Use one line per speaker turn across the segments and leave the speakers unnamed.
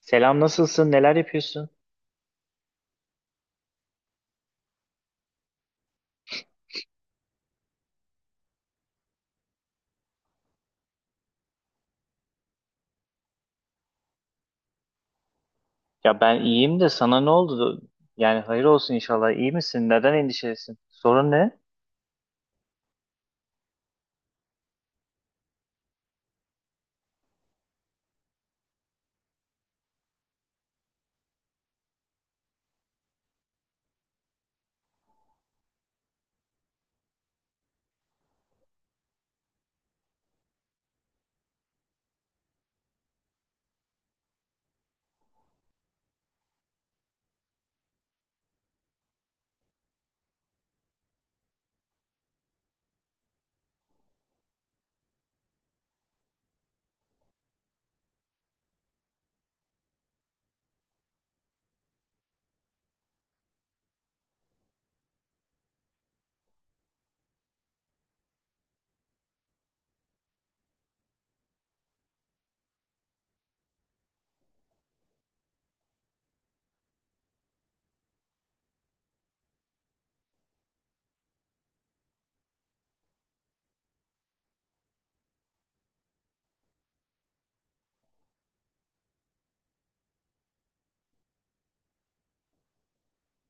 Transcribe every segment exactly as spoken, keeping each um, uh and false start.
Selam nasılsın? Neler yapıyorsun? Ya ben iyiyim de sana ne oldu? Yani hayır olsun inşallah. İyi misin? Neden endişelisin? Sorun ne?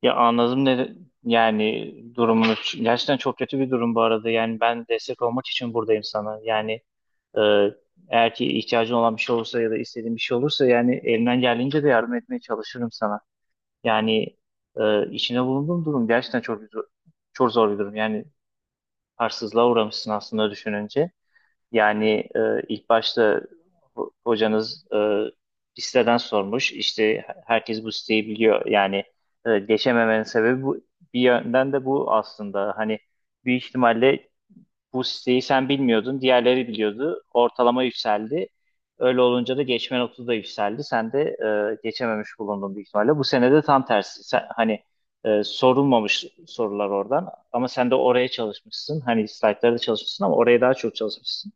Ya anladım ne yani durumunu. Ç- Gerçekten çok kötü bir durum bu arada. Yani ben destek olmak için buradayım sana. Yani e, eğer ki ihtiyacın olan bir şey olursa ya da istediğin bir şey olursa yani elimden geldiğince de yardım etmeye çalışırım sana. Yani e, içine bulunduğum durum gerçekten çok zor, çok zor bir durum. Yani haksızlığa uğramışsın aslında düşününce. Yani e, ilk başta ho- hocanız e, bir siteden sormuş. İşte herkes bu siteyi biliyor. Yani e, geçememenin sebebi bu. Bir yönden de bu aslında. Hani büyük ihtimalle bu siteyi sen bilmiyordun, diğerleri biliyordu. Ortalama yükseldi. Öyle olunca da geçme notu da yükseldi. Sen de e, geçememiş bulundun büyük ihtimalle. Bu sene de tam tersi. Sen- hani e, sorulmamış sorular oradan. Ama sen de oraya çalışmışsın. Hani slaytlarda çalışmışsın ama oraya daha çok çalışmışsın.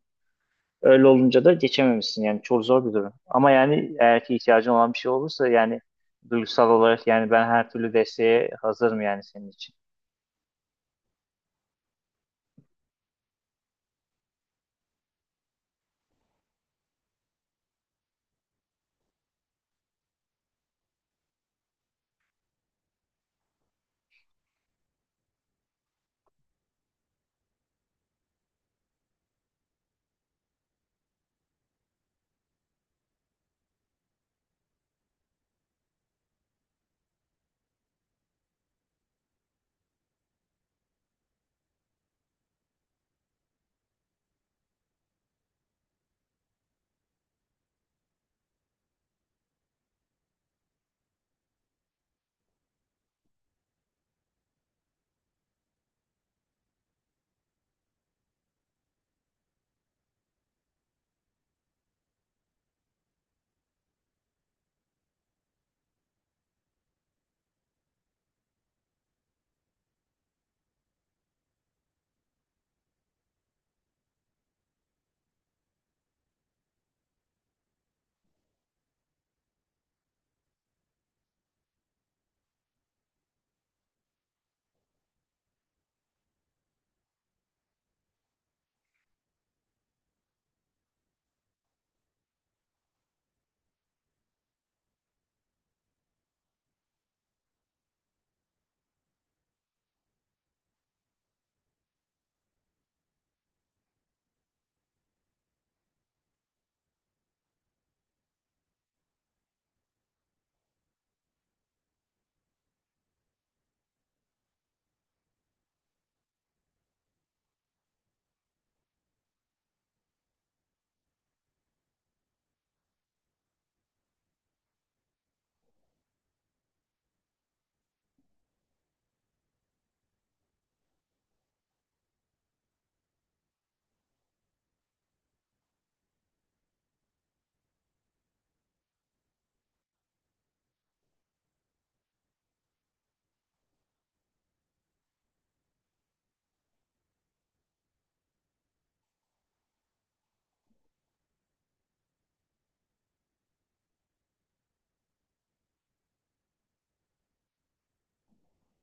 Öyle olunca da geçememişsin yani çok zor bir durum. Ama yani eğer ki ihtiyacın olan bir şey olursa yani duygusal olarak yani ben her türlü desteğe hazırım yani senin için.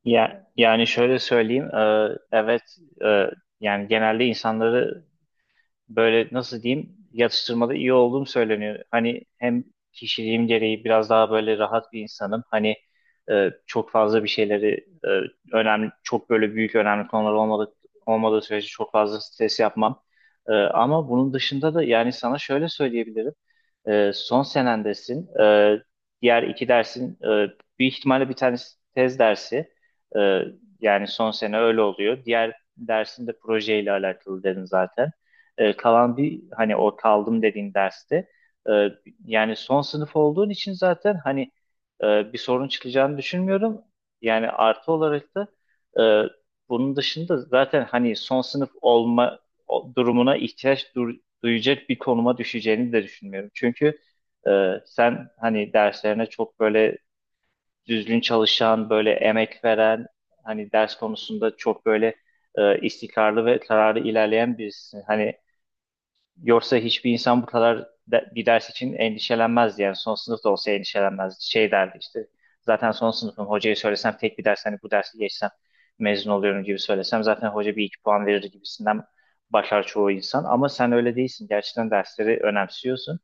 Ya, yani şöyle söyleyeyim e, evet e, yani genelde insanları böyle nasıl diyeyim yatıştırmada iyi olduğum söyleniyor. Hani hem kişiliğim gereği biraz daha böyle rahat bir insanım. Hani e, çok fazla bir şeyleri e, önemli, çok böyle büyük önemli konular olmadı, olmadığı sürece çok fazla stres yapmam. E, ama bunun dışında da yani sana şöyle söyleyebilirim. Ee, son senendesin. Ee, diğer iki dersin e, bir ihtimalle bir tanesi tez dersi. Ee, yani son sene öyle oluyor. Diğer dersin de projeyle alakalı dedin zaten. Ee, kalan bir hani o kaldım dediğin derste e, yani son sınıf olduğun için zaten hani e, bir sorun çıkacağını düşünmüyorum. Yani artı olarak da e, bunun dışında zaten hani son sınıf olma o- durumuna ihtiyaç dur, duyacak bir konuma düşeceğini de düşünmüyorum. Çünkü e, sen hani derslerine çok böyle düzgün çalışan, böyle emek veren, hani ders konusunda çok böyle e, istikrarlı ve kararlı ilerleyen birisin. Hani yoksa hiçbir insan bu kadar de- bir ders için endişelenmezdi. Yani son sınıf da olsa endişelenmezdi. Şey derdi işte zaten son sınıfım, hocaya söylesem tek bir ders, hani bu dersi geçsem mezun oluyorum gibi söylesem zaten hoca bir iki puan verir gibisinden başlar çoğu insan. Ama sen öyle değilsin. Gerçekten dersleri önemsiyorsun.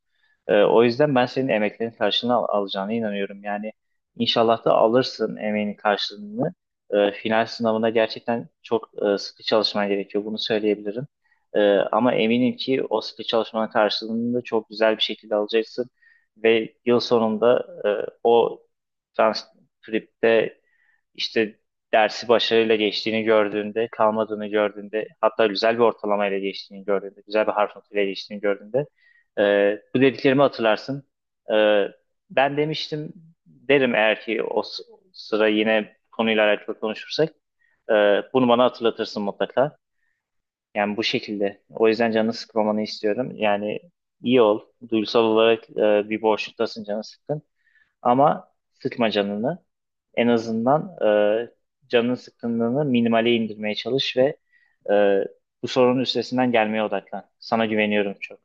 Ee, o yüzden ben senin emeklerin karşılığını al- alacağına inanıyorum. Yani inşallah da alırsın emeğinin karşılığını. Ee, final sınavına gerçekten çok e, sıkı çalışman gerekiyor. Bunu söyleyebilirim. Ee, ama eminim ki o sıkı çalışmanın karşılığını da çok güzel bir şekilde alacaksın. Ve yıl sonunda e, o transkripte işte dersi başarıyla geçtiğini gördüğünde, kalmadığını gördüğünde, hatta güzel bir ortalamayla geçtiğini gördüğünde, güzel bir harf notuyla geçtiğini gördüğünde e, bu dediklerimi hatırlarsın. E, ben demiştim, derim eğer ki o s- sıra yine konuyla alakalı konuşursak, e, bunu bana hatırlatırsın mutlaka. Yani bu şekilde. O yüzden canını sıkmamanı istiyorum. Yani iyi ol. Duygusal olarak e, bir boşluktasın, canı sıkkın. Ama sıkma canını. En azından e, canının sıkkınlığını minimale indirmeye çalış ve e, bu sorunun üstesinden gelmeye odaklan. Sana güveniyorum çok.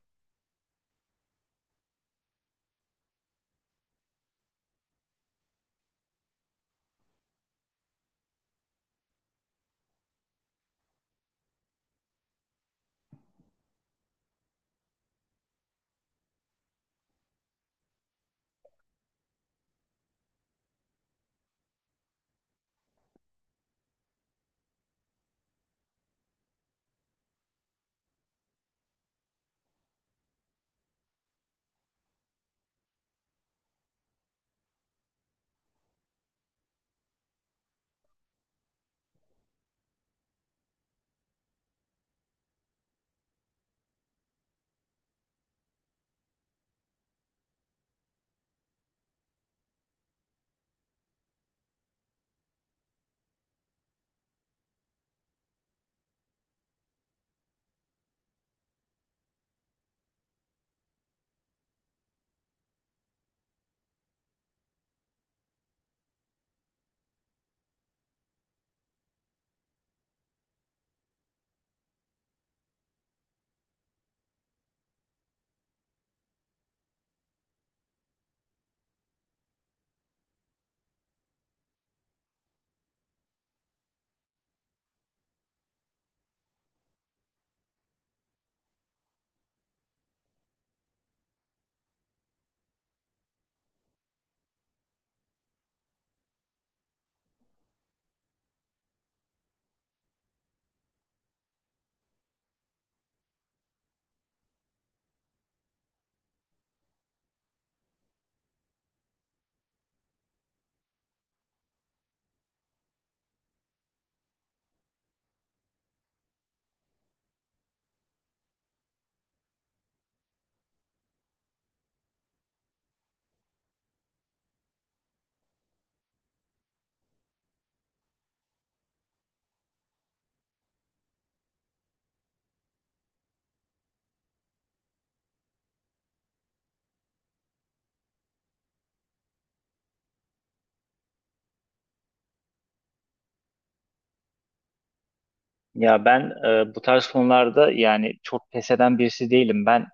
Ya ben e, bu tarz konularda yani çok pes eden birisi değilim. Ben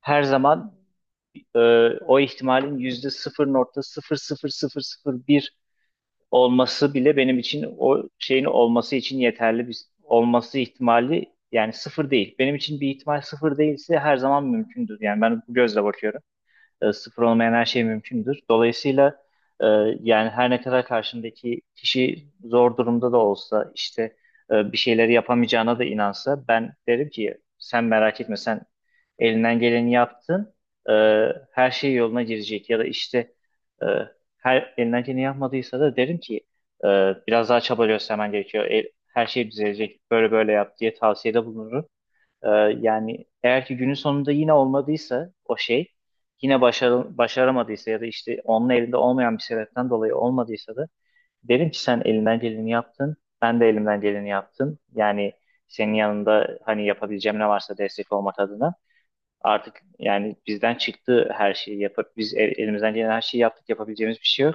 her zaman e, o ihtimalin yüzde sıfır nokta sıfır sıfır sıfır sıfır bir olması bile benim için o şeyin olması için yeterli bir olması ihtimali yani sıfır değil. Benim için bir ihtimal sıfır değilse her zaman mümkündür. Yani ben bu gözle bakıyorum. E, sıfır olmayan her şey mümkündür. Dolayısıyla e, yani her ne kadar karşındaki kişi zor durumda da olsa işte e, bir şeyleri yapamayacağına da inansa ben derim ki sen merak etme, sen elinden geleni yaptın. E, her şey yoluna girecek ya da işte e, her elinden geleni yapmadıysa da derim ki e, biraz daha çaba göstermen gerekiyor. E, her şey düzelecek, böyle böyle yap diye tavsiyede bulunurum. Ee, yani eğer ki günün sonunda yine olmadıysa, o şey yine başarı, başaramadıysa ya da işte onun elinde olmayan bir sebepten dolayı olmadıysa da derim ki sen elinden geleni yaptın. Ben de elimden geleni yaptım. Yani senin yanında hani yapabileceğim ne varsa destek olmak adına. Artık yani bizden çıktı, her şeyi yapıp biz el- elimizden gelen her şeyi yaptık, yapabileceğimiz bir şey yok.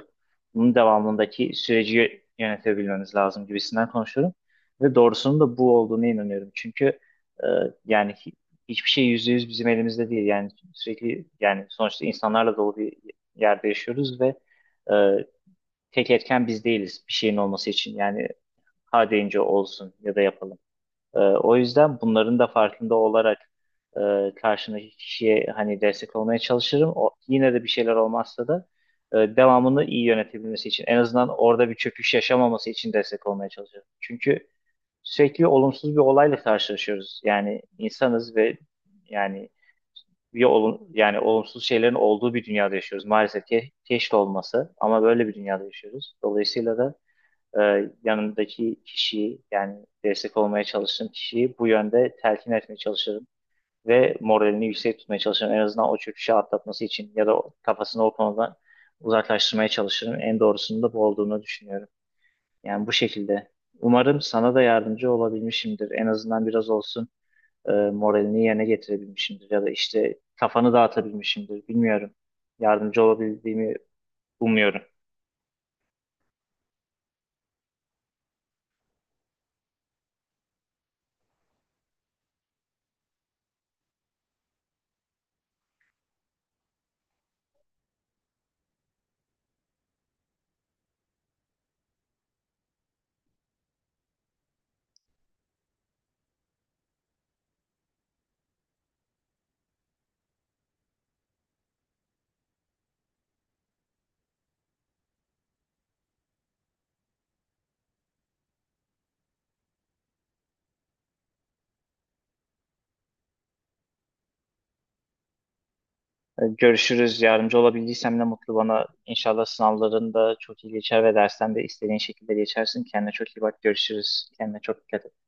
Bunun devamındaki süreci yönetebilmemiz lazım gibisinden konuşuyorum. Ve doğrusunun da bu olduğuna inanıyorum. Çünkü e, yani hi- hiçbir şey yüzde yüz bizim elimizde değil. Yani sürekli yani sonuçta insanlarla dolu bir yerde yaşıyoruz ve e, tek etken biz değiliz bir şeyin olması için. Yani ha deyince olsun ya da yapalım. Ee, o yüzden bunların da farkında olarak e, karşındaki kişiye hani destek olmaya çalışırım. O, yine de bir şeyler olmazsa da e, devamını iyi yönetebilmesi için, en azından orada bir çöküş yaşamaması için destek olmaya çalışırım. Çünkü sürekli olumsuz bir olayla karşılaşıyoruz. Yani insanız ve yani bir olum, yani olumsuz şeylerin olduğu bir dünyada yaşıyoruz. Maalesef ki keşke olmasa ama böyle bir dünyada yaşıyoruz. Dolayısıyla da e, yanındaki kişiyi yani destek olmaya çalıştığım kişiyi bu yönde telkin etmeye çalışırım ve moralini yüksek tutmaya çalışırım. En azından o çöküşü atlatması için ya da o- kafasını o konudan uzaklaştırmaya çalışırım. En doğrusunun da bu olduğunu düşünüyorum. Yani bu şekilde. Umarım sana da yardımcı olabilmişimdir. En azından biraz olsun e, moralini yerine getirebilmişimdir ya da işte kafanı dağıtabilmişimdir. Bilmiyorum. Yardımcı olabildiğimi umuyorum. Ee, Görüşürüz. Yardımcı olabildiysem ne mutlu bana. İnşallah sınavların da çok iyi geçer ve dersten de istediğin şekilde geçersin. Kendine çok iyi bak. Görüşürüz. Kendine çok dikkat et.